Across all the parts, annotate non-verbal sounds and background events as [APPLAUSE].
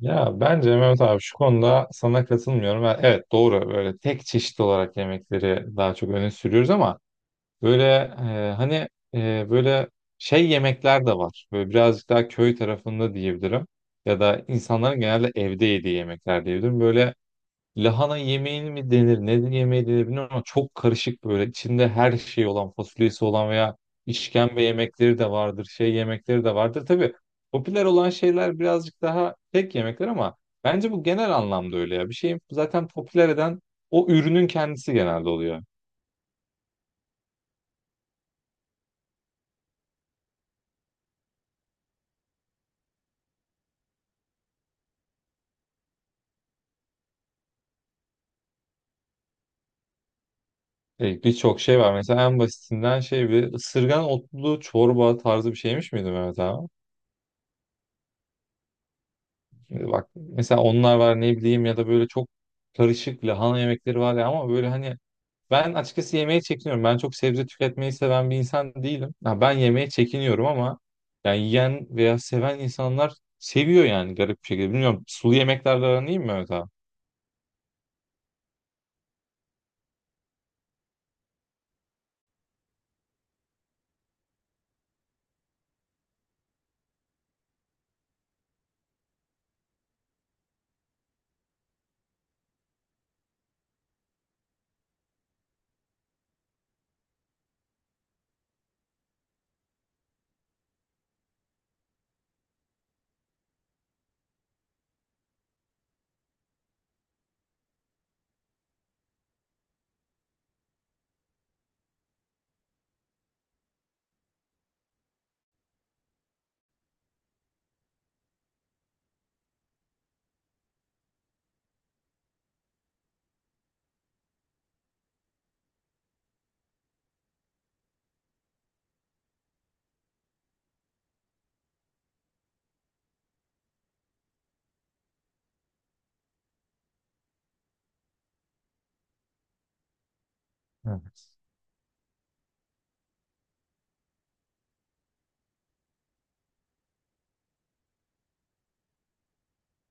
Ya bence Mehmet abi şu konuda sana katılmıyorum. Evet doğru, böyle tek çeşit olarak yemekleri daha çok öne sürüyoruz ama böyle e, hani böyle şey yemekler de var. Böyle birazcık daha köy tarafında diyebilirim. Ya da insanların genelde evde yediği yemekler diyebilirim. Böyle lahana yemeğini mi denir, neden yemeği denir bilmiyorum ama çok karışık böyle. İçinde her şey olan, fasulyesi olan veya işkembe yemekleri de vardır, şey yemekleri de vardır. Tabii popüler olan şeyler birazcık daha tek yemekler ama bence bu genel anlamda öyle ya. Bir şeyi zaten popüler eden o ürünün kendisi genelde oluyor. Birçok şey var. Mesela en basitinden şey bir ısırgan otlu çorba tarzı bir şeymiş miydi Mehmet abi? Bak mesela onlar var, ne bileyim, ya da böyle çok karışık lahana yemekleri var ya ama böyle hani ben açıkçası yemeğe çekiniyorum. Ben çok sebze tüketmeyi seven bir insan değilim. Ha, ben yemeğe çekiniyorum ama yani yiyen veya seven insanlar seviyor yani garip bir şekilde. Bilmiyorum, sulu yemeklerle aran iyi mi Mehmet abi?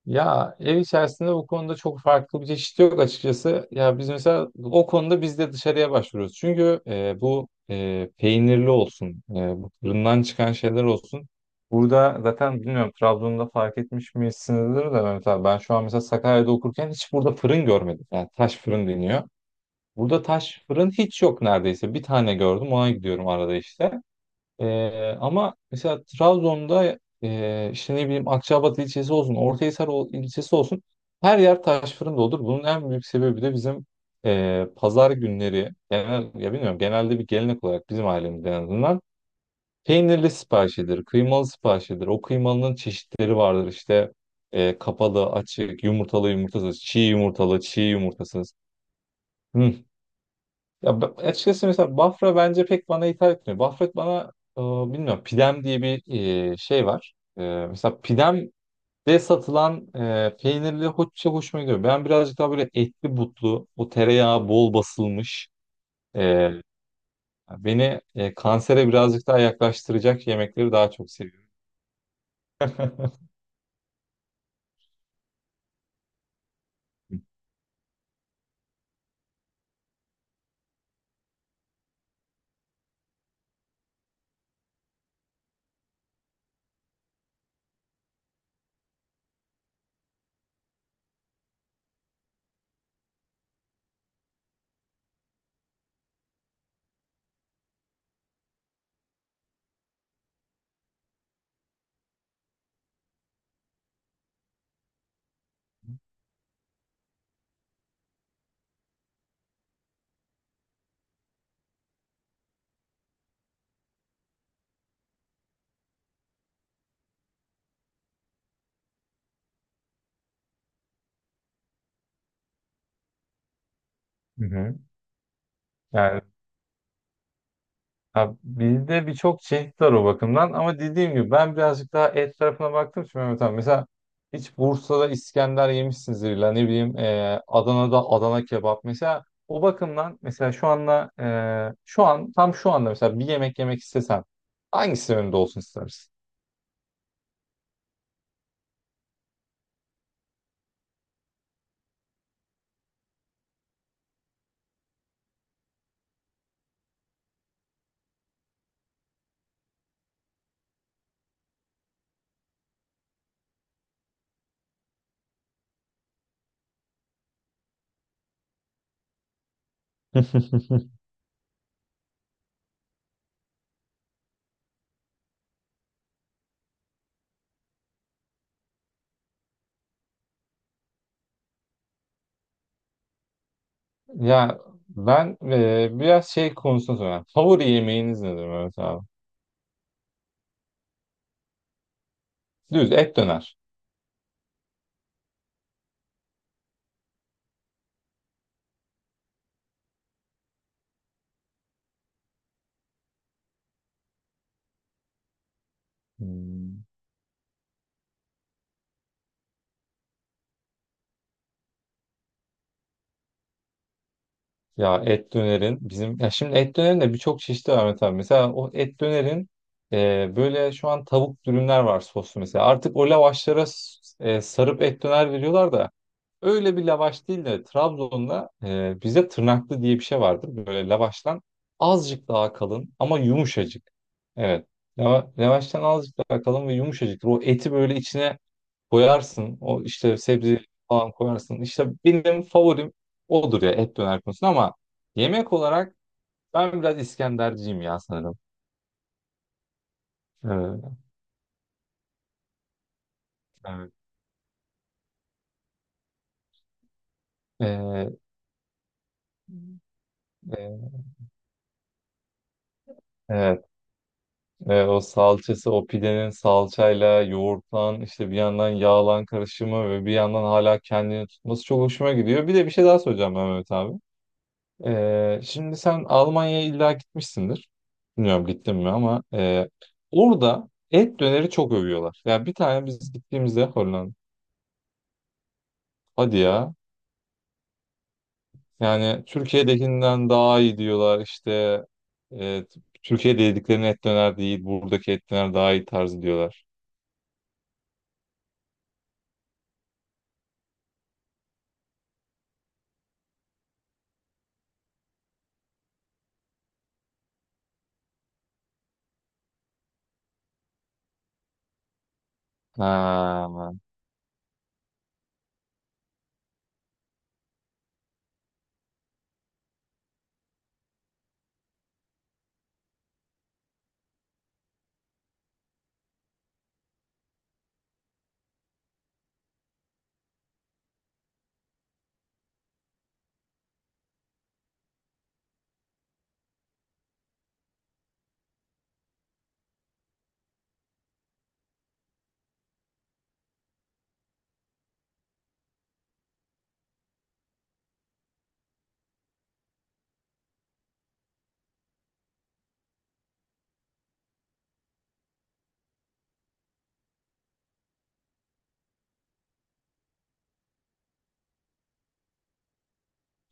Ya ev içerisinde bu konuda çok farklı bir çeşit yok açıkçası. Ya biz mesela o konuda biz de dışarıya başvuruyoruz. Çünkü bu peynirli olsun, bu fırından çıkan şeyler olsun. Burada zaten bilmiyorum Trabzon'da fark etmiş misinizdir de Mehmet abi. Ben şu an mesela Sakarya'da okurken hiç burada fırın görmedim. Yani taş fırın deniyor. Burada taş fırın hiç yok neredeyse. Bir tane gördüm, ona gidiyorum arada işte. Ama mesela Trabzon'da işte ne bileyim Akçaabat ilçesi olsun, ilçesi olsun her yer taş fırın olur. Bunun en büyük sebebi de bizim pazar günleri genel, ya bilmiyorum genelde bir gelenek olarak bizim ailemizde en azından peynirli siparişidir, kıymalı siparişidir. O kıymalının çeşitleri vardır işte kapalı, açık, yumurtalı yumurtasız, çiğ yumurtalı, çiğ yumurtasız. Açıkçası mesela Bafra bence pek bana hitap etmiyor. Bafra bana bilmiyorum pidem diye bir şey var. E, mesela pidemde satılan peynirli hoşça hoşuma gidiyor. Ben birazcık daha böyle etli butlu, o tereyağı bol basılmış. e, Beni kansere birazcık daha yaklaştıracak yemekleri daha çok seviyorum. [LAUGHS] Hı hı. Yani ya bizde birçok çeşit var o bakımdan ama dediğim gibi ben birazcık daha et tarafına baktım şimdi Mehmet abi. Mesela hiç Bursa'da İskender yemişsinizdir, illa ne bileyim Adana'da Adana kebap. Mesela o bakımdan mesela şu an tam şu anda mesela bir yemek yemek istesen hangisi önünde olsun istersin? [LAUGHS] Ya ben biraz şey konusunda soruyorum. Favori yemeğiniz nedir Mehmet abi? Düz et döner. Hmm. Ya et dönerin bizim, ya şimdi et dönerin de birçok çeşidi var Mete abi. Mesela o et dönerin böyle şu an tavuk dürümler var soslu mesela. Artık o lavaşlara s- e, sarıp et döner veriyorlar da öyle bir lavaş değil de Trabzon'da bize tırnaklı diye bir şey vardır. Böyle lavaştan azıcık daha kalın ama yumuşacık. Evet. Lavaştan azıcık daha kalın ve yumuşacık. O eti böyle içine koyarsın. O işte sebze falan koyarsın. İşte benim favorim odur ya et döner konusunda ama yemek olarak ben biraz İskenderciyim ya sanırım. Evet. Evet. Ee, e, Evet. Ve o salçası, o pidenin salçayla yoğurtlan, işte bir yandan yağlan karışımı ve bir yandan hala kendini tutması çok hoşuma gidiyor. Bir de bir şey daha söyleyeceğim Mehmet abi. Şimdi sen Almanya'ya illa gitmişsindir. Bilmiyorum gittin mi ama orada et döneri çok övüyorlar. Yani bir tane biz gittiğimizde Hollanda. Hadi ya. Yani Türkiye'dekinden daha iyi diyorlar işte. E, Türkiye'de yediklerinin et döner değil, buradaki et döner daha iyi tarzı diyorlar. Ha.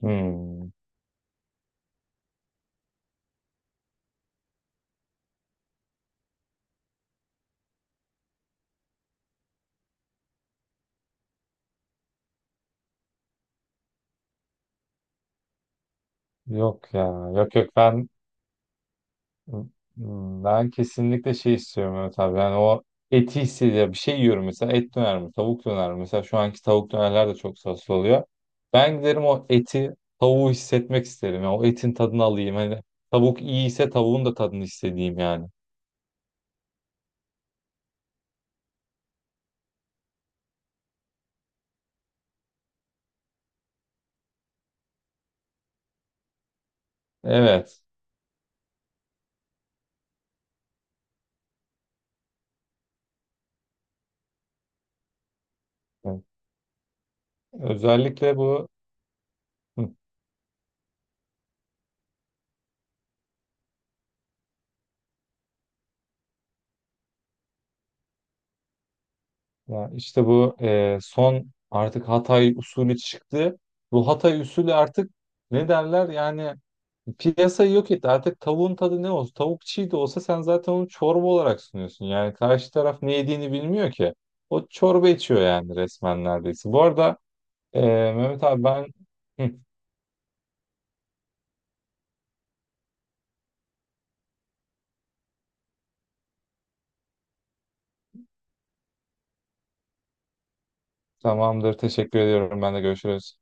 Hmm. Yok ya. Yok yok, ben kesinlikle şey istiyorum Mehmet abi. Yani o eti hissediyor. Bir şey yiyorum, mesela et döner mi? Tavuk döner mi? Mesela şu anki tavuk dönerler de çok soslu oluyor. Ben giderim o eti, tavuğu hissetmek isterim. Yani o etin tadını alayım. Hani tavuk iyiyse tavuğun da tadını istediğim yani. Evet. Evet. Özellikle bu hı, ya işte bu son artık Hatay usulü çıktı. Bu Hatay usulü artık ne derler yani piyasayı yok etti. Artık tavuğun tadı ne olsun? Tavuk çiğ de olsa sen zaten onu çorba olarak sunuyorsun. Yani karşı taraf ne yediğini bilmiyor ki. O çorba içiyor yani resmen neredeyse. Bu arada e, Mehmet abi ben hı, tamamdır. Teşekkür ediyorum. Ben de görüşürüz.